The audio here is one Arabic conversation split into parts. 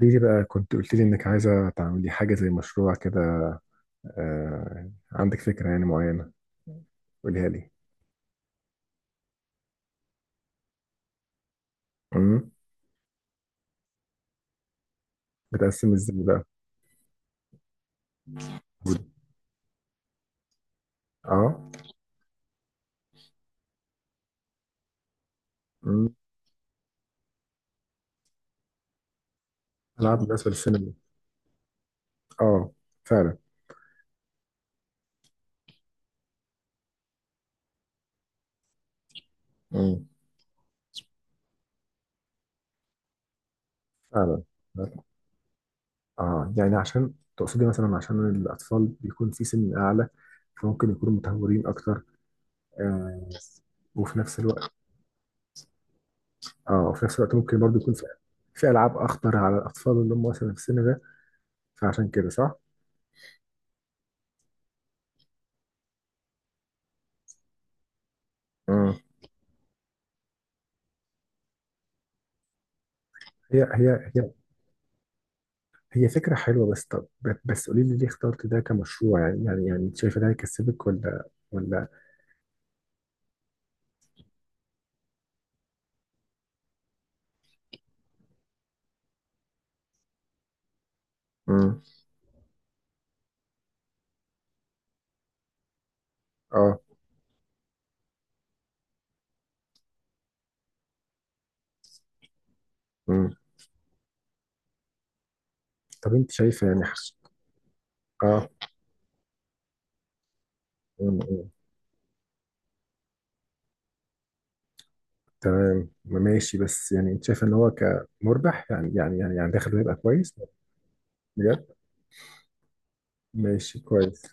قولي لي بقى كنت قلت لي انك عايزه تعملي حاجه زي مشروع كده. آه، عندك فكره يعني معينه؟ قوليها لي. امم. بتقسم ازاي بقى؟ بود- اه. امم. العاب بالنسبه للسينما؟ اه، فعلا. امم. فعلا. اه، يعني عشان تقصدي مثلا عشان الاطفال بيكون في سن اعلى، فممكن يكونوا متهورين اكتر. آه. وفي نفس الوقت. اه، وفي نفس الوقت ممكن برضو يكون في في العاب اخطر على الاطفال اللي هم مثلا في السن ده، فعشان كده صح؟ امم. هي هي هي هي فكرة حلوة بس طب. بس قولي لي ليه اخترت ده كمشروع، يعني انت شايفة ده هيكسبك ولا؟ ولا. امم. اه. امم. طب انت شايفة يعني حس... اه. امم. أمم. تمام، ما ماشي، بس يعني انت شايفة ان هو كمربح؟ يعني دخله هيبقى كويس؟ بجد. ماشي كويس.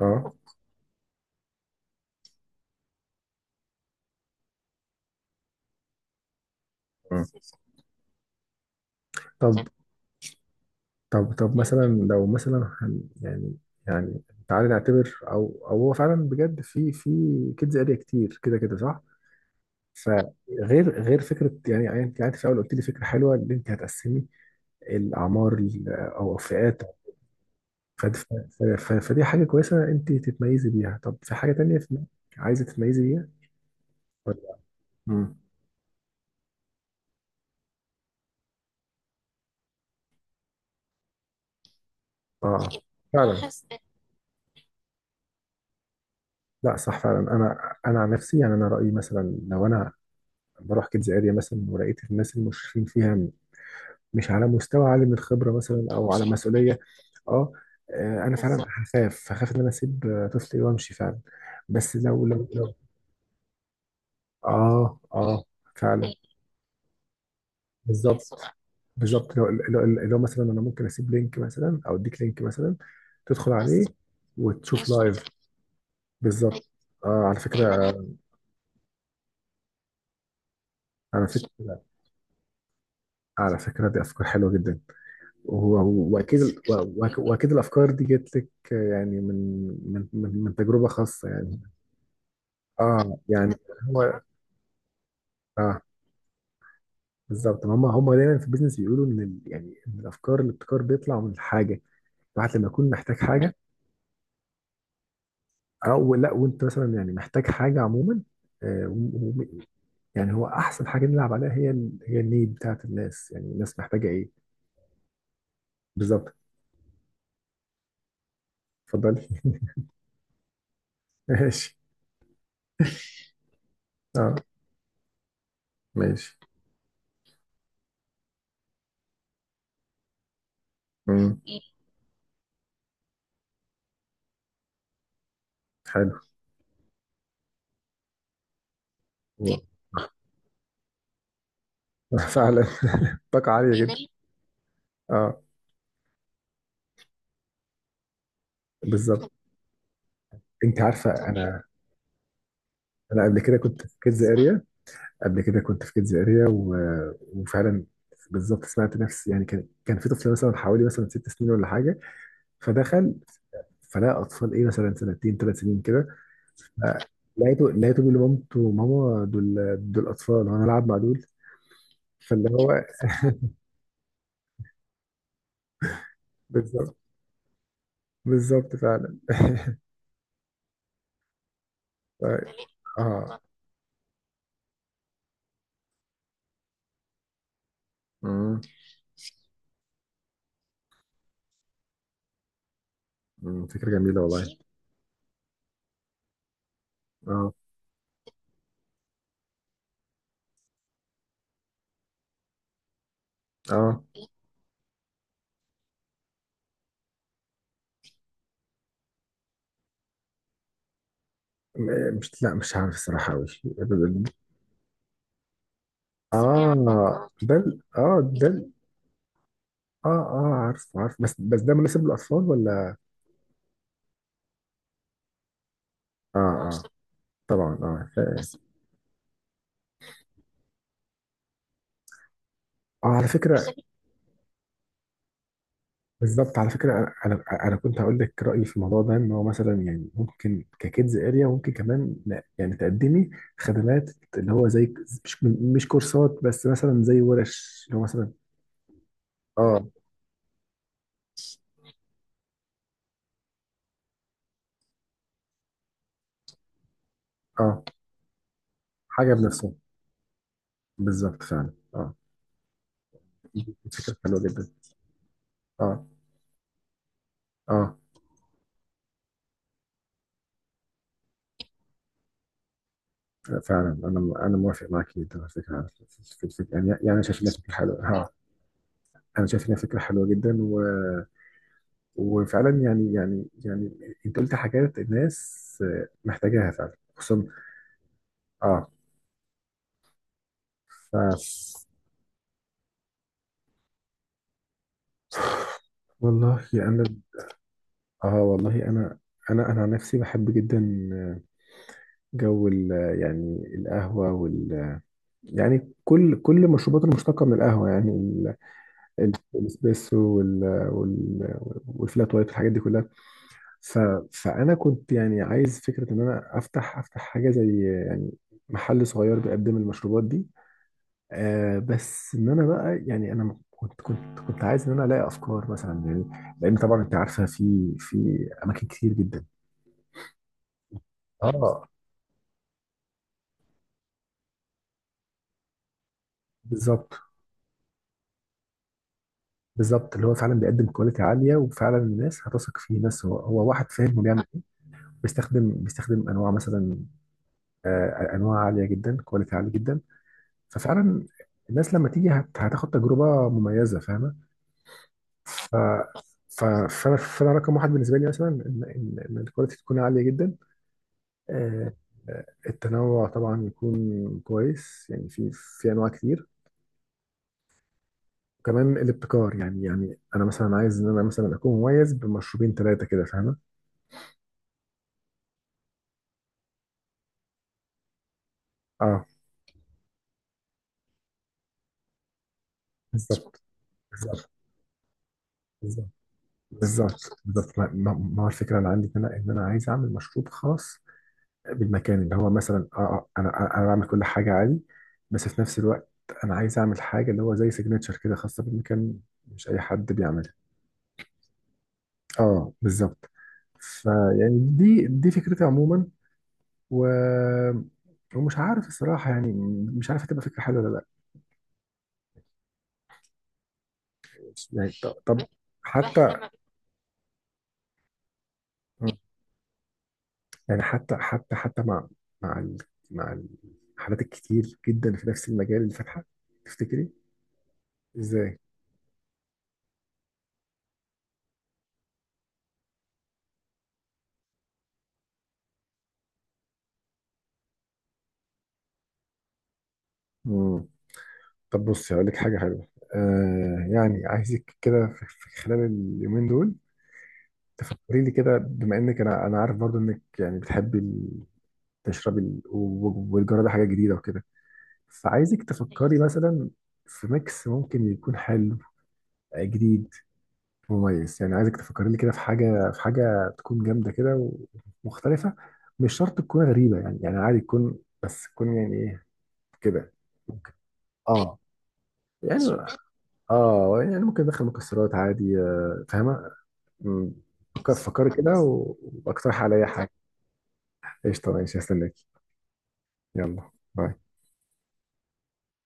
اه. أمم. طب طب مثلا لو مثلا هن يعني، يعني تعالي نعتبر، او هو فعلا بجد في كيدز اريا كتير كده كده صح؟ غير فكره، يعني انت قعدت في الاول قلت لي فكره حلوه ان انت هتقسمي الاعمار او الفئات. ف- ف- ف- ف- فدي حاجه كويسه انت تتميزي بيها. طب في حاجه تانية في دماغك عايزه تتميزي بيها ولا؟ امم. اه، فعلا. لا صح فعلا، انا عن نفسي يعني انا رايي مثلا لو انا بروح كيدز اريا مثلا ولقيت الناس المشرفين فيها مش على مستوى عالي من الخبره مثلا او على مسؤوليه. اه. انا فعلا هخاف ان انا اسيب طفلي وامشي فعلا. بس لو. اه، اه، فعلا. بالظبط. بالظبط، لو مثلا انا ممكن اسيب لينك مثلا او اديك لينك مثلا تدخل عليه وتشوف لايف. بالظبط. اه، على فكره. على فكره. على فكره، دي افكار حلوه جدا. واكيد واكيد الافكار دي جت لك يعني من من تجربه خاصه يعني. اه، يعني، هو. اه، بالظبط. هم دايما في البيزنس بيقولوا ان يعني ان الافكار الابتكار بيطلع من الحاجه. الواحد لما يكون محتاج حاجه او لا، وانت مثلا يعني محتاج حاجه عموما. آه، و- و- يعني هو احسن حاجه نلعب عليها هي النيد بتاعت الناس، يعني الناس محتاجه ايه. بالظبط. اتفضلي. ماشي. اه. ماشي. امم. حلو. فعلا، طاقه عاليه جدا. اه. بالظبط. انت عارفه انا. انا قبل كده كنت في كيدز اريا. قبل كده كنت في كيدز اريا و... وفعلا بالظبط، سمعت نفسي يعني. كان في طفل مثلا حوالي مثلا 6 سنين ولا حاجه، فدخل، فلقى اطفال ايه مثلا سنتين 3 سنين كده. لقيته بيقول لمامته: ماما، دول دول اطفال وانا العب مع دول؟ فاللي هو بالظبط. بالظبط فعلا. طيب. اه. مم. مم، فكره جميله والله. اه. اه. م- مش لا، مش عارف الصراحه قوي. اه. ده اه، اه، عارف، بس ده مناسب للاطفال ولا؟ اه. اه طبعا. اه على فكره. بالظبط على فكره. انا انا أنا كنت هقول لك رايي في الموضوع ده، ان هو مثلا يعني ممكن ككيدز اريا ممكن كمان يعني تقدمي خدمات اللي هو زي مش مش كورسات بس مثلا زي ورش اللي هو مثلا. اه. اه، حاجه بنفسها. بالظبط فعلا، اه. فكره حلوه جدا. اه. اه فعلا، انا موافق معاك جدا على فكره. في الفكره يعني، شايف انها فكره حلوه. اه. انا شايف انها فكره حلوه جدا. وفعلا، يعني انت قلت حاجات الناس محتاجاها فعلا خصوصا. اه. ف، والله انا. اه، والله انا، انا عن نفسي بحب جدا آه، جو يعني القهوه وال آه، يعني كل المشروبات المشتقه من القهوه، يعني الاسبريسو والفلات وايت والحاجات دي كلها. ف فانا كنت يعني عايز فكره ان انا افتح حاجه زي، يعني محل صغير بيقدم المشروبات دي. آه، بس ان انا بقى يعني انا كنت عايز ان انا الاقي افكار مثلا، يعني لان طبعا انت عارفه في اماكن كتير جدا. اه. بالظبط. بالظبط، اللي هو فعلا بيقدم كواليتي عاليه وفعلا الناس هتثق فيه. ناس هو واحد فاهم وبيعمل إيه. بيستخدم انواع مثلا انواع عاليه جدا، كواليتي عالي جدا. ففعلا الناس لما تيجي هتاخد تجربه مميزه، فاهمه؟ ف ف- فانا فأنا رقم واحد بالنسبه لي مثلا ان ان إن الكواليتي تكون عاليه جدا. آه، التنوع طبعا يكون كويس، يعني في انواع كتير. وكمان الابتكار يعني، انا مثلا عايز ان انا مثلا اكون مميز بمشروبين 3 كده، فاهمه؟ اه. بالظبط بالظبط بالظبط بالظبط، ما هو الفكره اللي عندي ان انا عايز اعمل مشروب خاص بالمكان، اللي هو مثلا انا أنا بعمل كل حاجه عادي، بس في نفس الوقت انا عايز اعمل حاجه اللي هو زي سيجنتشر كده، خاصه بالمكان، مش اي حد بيعملها. اه بالظبط. فيعني دي فكرتي عموما، و... ومش عارف الصراحة يعني، مش عارف هتبقى فكرة حلوة ولا لا. يعني طب، واحنا حتى واحنا، ما، يعني حتى مع، مع مع الحالات الكتير جدا في نفس المجال اللي فاتحة، تفتكري ازاي؟ مم. طب بصي، هقول لك حاجة حلوة. آه، يعني عايزك كده في خلال اليومين دول تفكري لي كده، بما انك، انا عارف برضو انك يعني بتحبي تشربي والجرى ده حاجة جديدة وكده. فعايزك تفكري مثلا في ميكس ممكن يكون حلو، جديد، مميز. يعني عايزك تفكري لي كده في حاجة، تكون جامدة كده، ومختلفة. مش شرط تكون غريبة، يعني عادي تكون، بس تكون يعني ايه كده، ممكن. اه، يعني، اه، يعني ممكن ندخل مكسرات عادي، فاهمة؟ مم. فكري كده واقترحي عليا حاجة. قشطة ماشي، هستناكي. يلا باي.